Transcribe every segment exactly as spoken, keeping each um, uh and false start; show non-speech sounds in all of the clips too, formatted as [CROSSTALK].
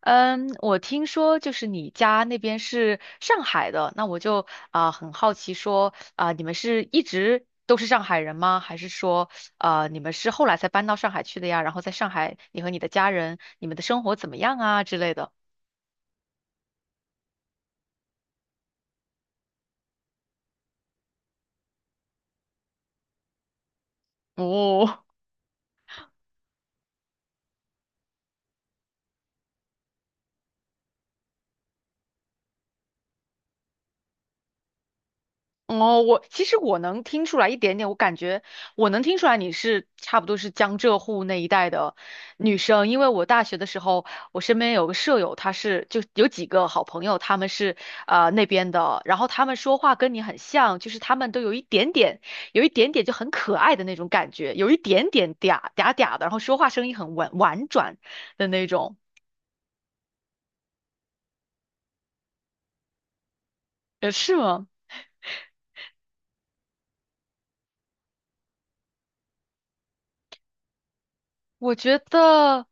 嗯，我听说就是你家那边是上海的，那我就啊、很好奇说啊、你们是一直都是上海人吗？还是说啊你们是后来才搬到上海去的呀？然后在上海，你和你的家人，你们的生活怎么样啊之类的？哦，哦，我其实我能听出来一点点，我感觉我能听出来你是差不多是江浙沪那一带的女生，因为我大学的时候，我身边有个舍友，她是就有几个好朋友，他们是呃那边的，然后他们说话跟你很像，就是他们都有一点点，有一点点就很可爱的那种感觉，有一点点嗲嗲嗲的，然后说话声音很婉婉转的那种，呃，是吗？我觉得，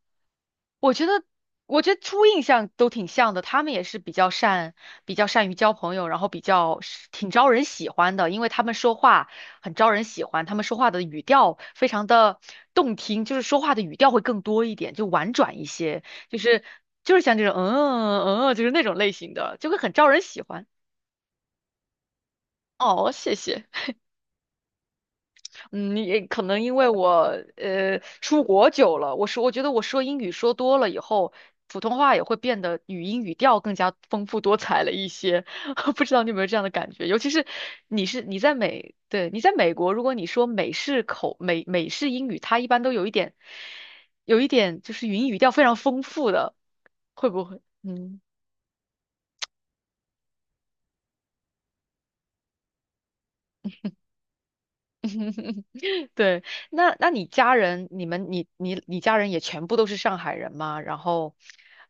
我觉得，我觉得初印象都挺像的。他们也是比较善，比较善于交朋友，然后比较是挺招人喜欢的，因为他们说话很招人喜欢，他们说话的语调非常的动听，就是说话的语调会更多一点，就婉转一些，就是就是像这种嗯嗯，嗯嗯就是那种类型的，就会很招人喜欢。哦，谢谢。嗯，也可能因为我呃出国久了，我说我觉得我说英语说多了以后，普通话也会变得语音语调更加丰富多彩了一些。[LAUGHS] 不知道你有没有这样的感觉？尤其是你是你在美，对，你在美国，如果你说美式口美美式英语，它一般都有一点有一点就是语音语调非常丰富的，会不会？嗯。对，那那你家人，你们你你你家人也全部都是上海人吗？然后，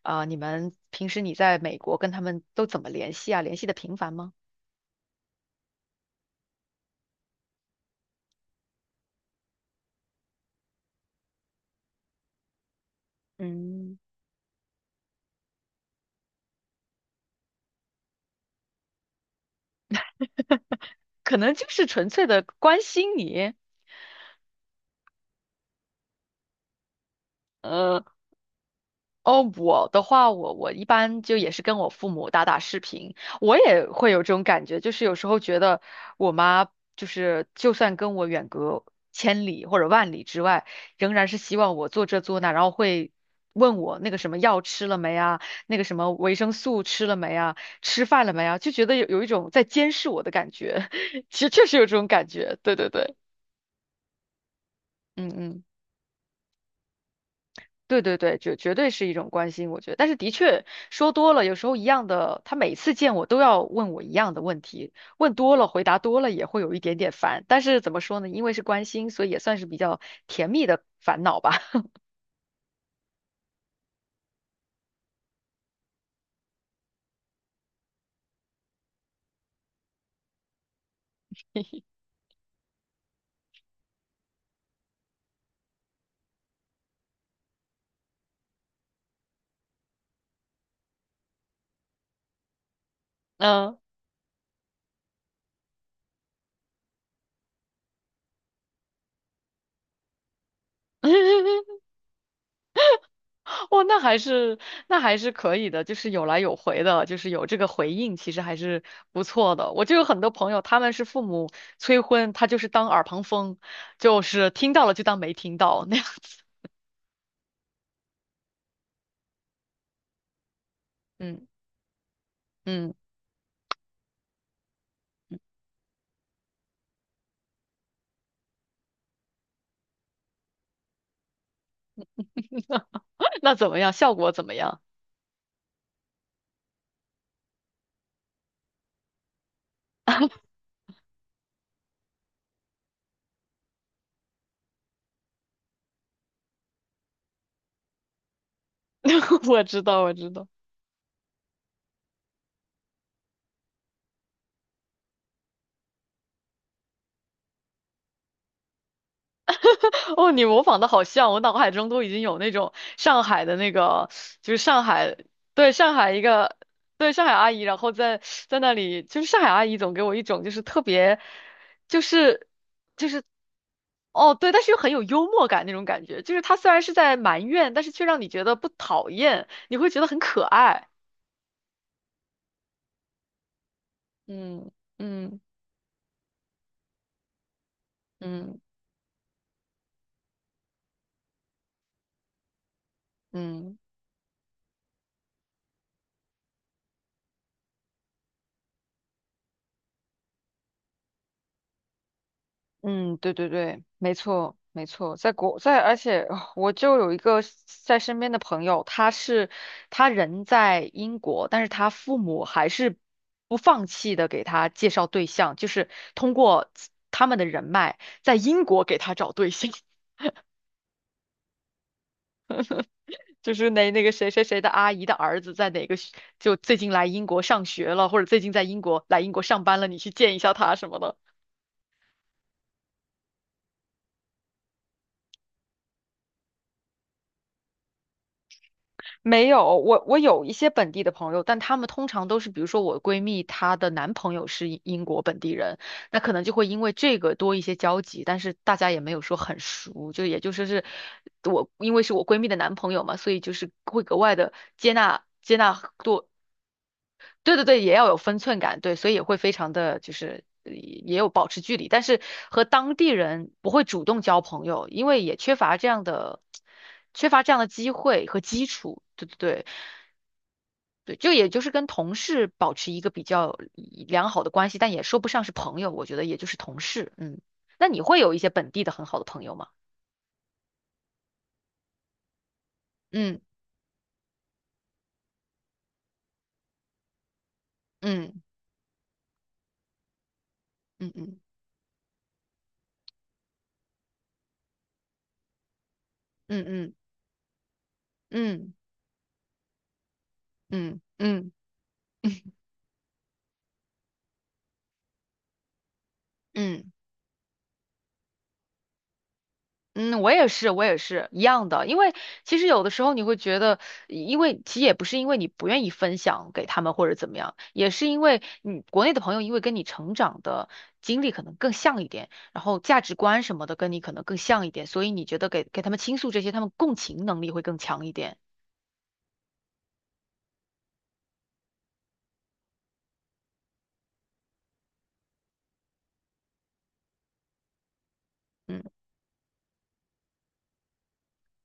啊、你们平时你在美国跟他们都怎么联系啊？联系的频繁吗？嗯，[LAUGHS] 可能就是纯粹的关心你。哦，我的话，我我一般就也是跟我父母打打视频，我也会有这种感觉，就是有时候觉得我妈就是就算跟我远隔千里或者万里之外，仍然是希望我做这做那，然后会问我那个什么药吃了没啊，那个什么维生素吃了没啊，吃饭了没啊，就觉得有有一种在监视我的感觉，[LAUGHS] 其实确实有这种感觉，对对对，嗯嗯。对对对，绝绝对是一种关心，我觉得。但是的确说多了，有时候一样的，他每次见我都要问我一样的问题，问多了，回答多了也会有一点点烦。但是怎么说呢？因为是关心，所以也算是比较甜蜜的烦恼吧。[LAUGHS] 嗯。[LAUGHS] 哦，那还是那还是可以的，就是有来有回的，就是有这个回应，其实还是不错的。我就有很多朋友，他们是父母催婚，他就是当耳旁风，就是听到了就当没听到那样子。嗯嗯。[LAUGHS] 那怎么样？效果怎么样？[LAUGHS] 我知道，我知道。哦，你模仿的好像，我脑海中都已经有那种上海的那个，就是上海，对，上海一个，对，上海阿姨，然后在在那里，就是上海阿姨总给我一种就是特别，就是就是，哦，对，但是又很有幽默感那种感觉，就是她虽然是在埋怨，但是却让你觉得不讨厌，你会觉得很可爱。嗯嗯嗯嗯。嗯，对对对，没错没错，在国在，而且啊我就有一个在身边的朋友，他是他人在英国，但是他父母还是不放弃的给他介绍对象，就是通过自他们的人脉在英国给他找对象，[LAUGHS] 就是那那个谁谁谁的阿姨的儿子在哪个学就最近来英国上学了，或者最近在英国来英国上班了，你去见一下他什么的。没有，我我有一些本地的朋友，但他们通常都是，比如说我闺蜜，她的男朋友是英英国本地人，那可能就会因为这个多一些交集，但是大家也没有说很熟，就也就说是我因为是我闺蜜的男朋友嘛，所以就是会格外的接纳接纳多，对对对，也要有分寸感，对，所以也会非常的就是呃也有保持距离，但是和当地人不会主动交朋友，因为也缺乏这样的 [TSK] 缺乏这样的机会和基础，对对对。对，就也就是跟同事保持一个比较良好的关系，但也说不上是朋友，我觉得也就是同事。嗯，那你会有一些本地的很好的朋友吗？嗯嗯嗯嗯嗯嗯嗯嗯嗯嗯。嗯，我也是，我也是一样的。因为其实有的时候你会觉得，因为其实也不是因为你不愿意分享给他们或者怎么样，也是因为你国内的朋友因为跟你成长的经历可能更像一点，然后价值观什么的跟你可能更像一点，所以你觉得给给他们倾诉这些，他们共情能力会更强一点。嗯。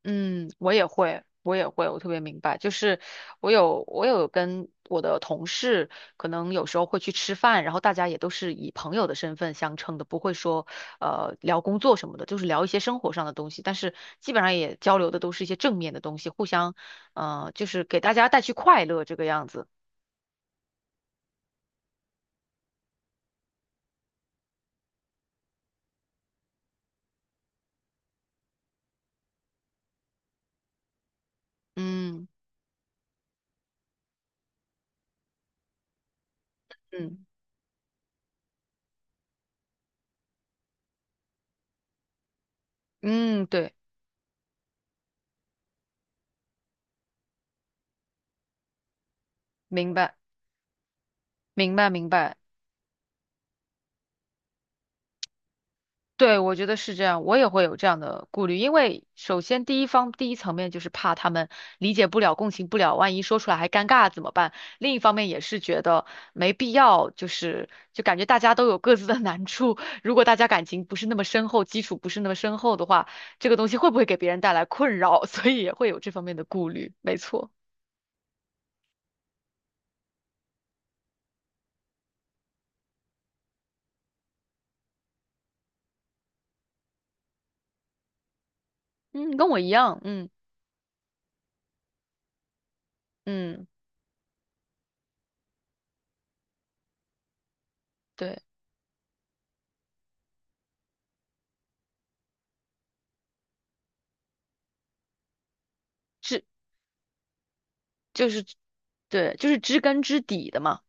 嗯，我也会，我也会，我特别明白。就是我有，我有跟我的同事，可能有时候会去吃饭，然后大家也都是以朋友的身份相称的，不会说呃聊工作什么的，就是聊一些生活上的东西。但是基本上也交流的都是一些正面的东西，互相呃就是给大家带去快乐这个样子。嗯嗯嗯，对，明白明白明白。对，我觉得是这样，我也会有这样的顾虑，因为首先第一方第一层面就是怕他们理解不了、共情不了，万一说出来还尴尬怎么办？另一方面也是觉得没必要，就是就感觉大家都有各自的难处，如果大家感情不是那么深厚，基础不是那么深厚的话，这个东西会不会给别人带来困扰？[LAUGHS] 所以也会有这方面的顾虑，没错，嗯，跟我一样，嗯嗯，对，是就是对，就是知根知底的嘛。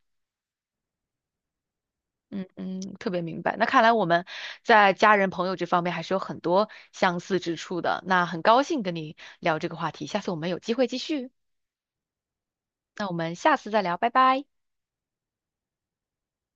嗯嗯，特别明白。那看来我们在家人朋友这方面还是有很多相似之处的。那很高兴跟你聊这个话题，下次我们有机会继续。那我们下次再聊，拜拜。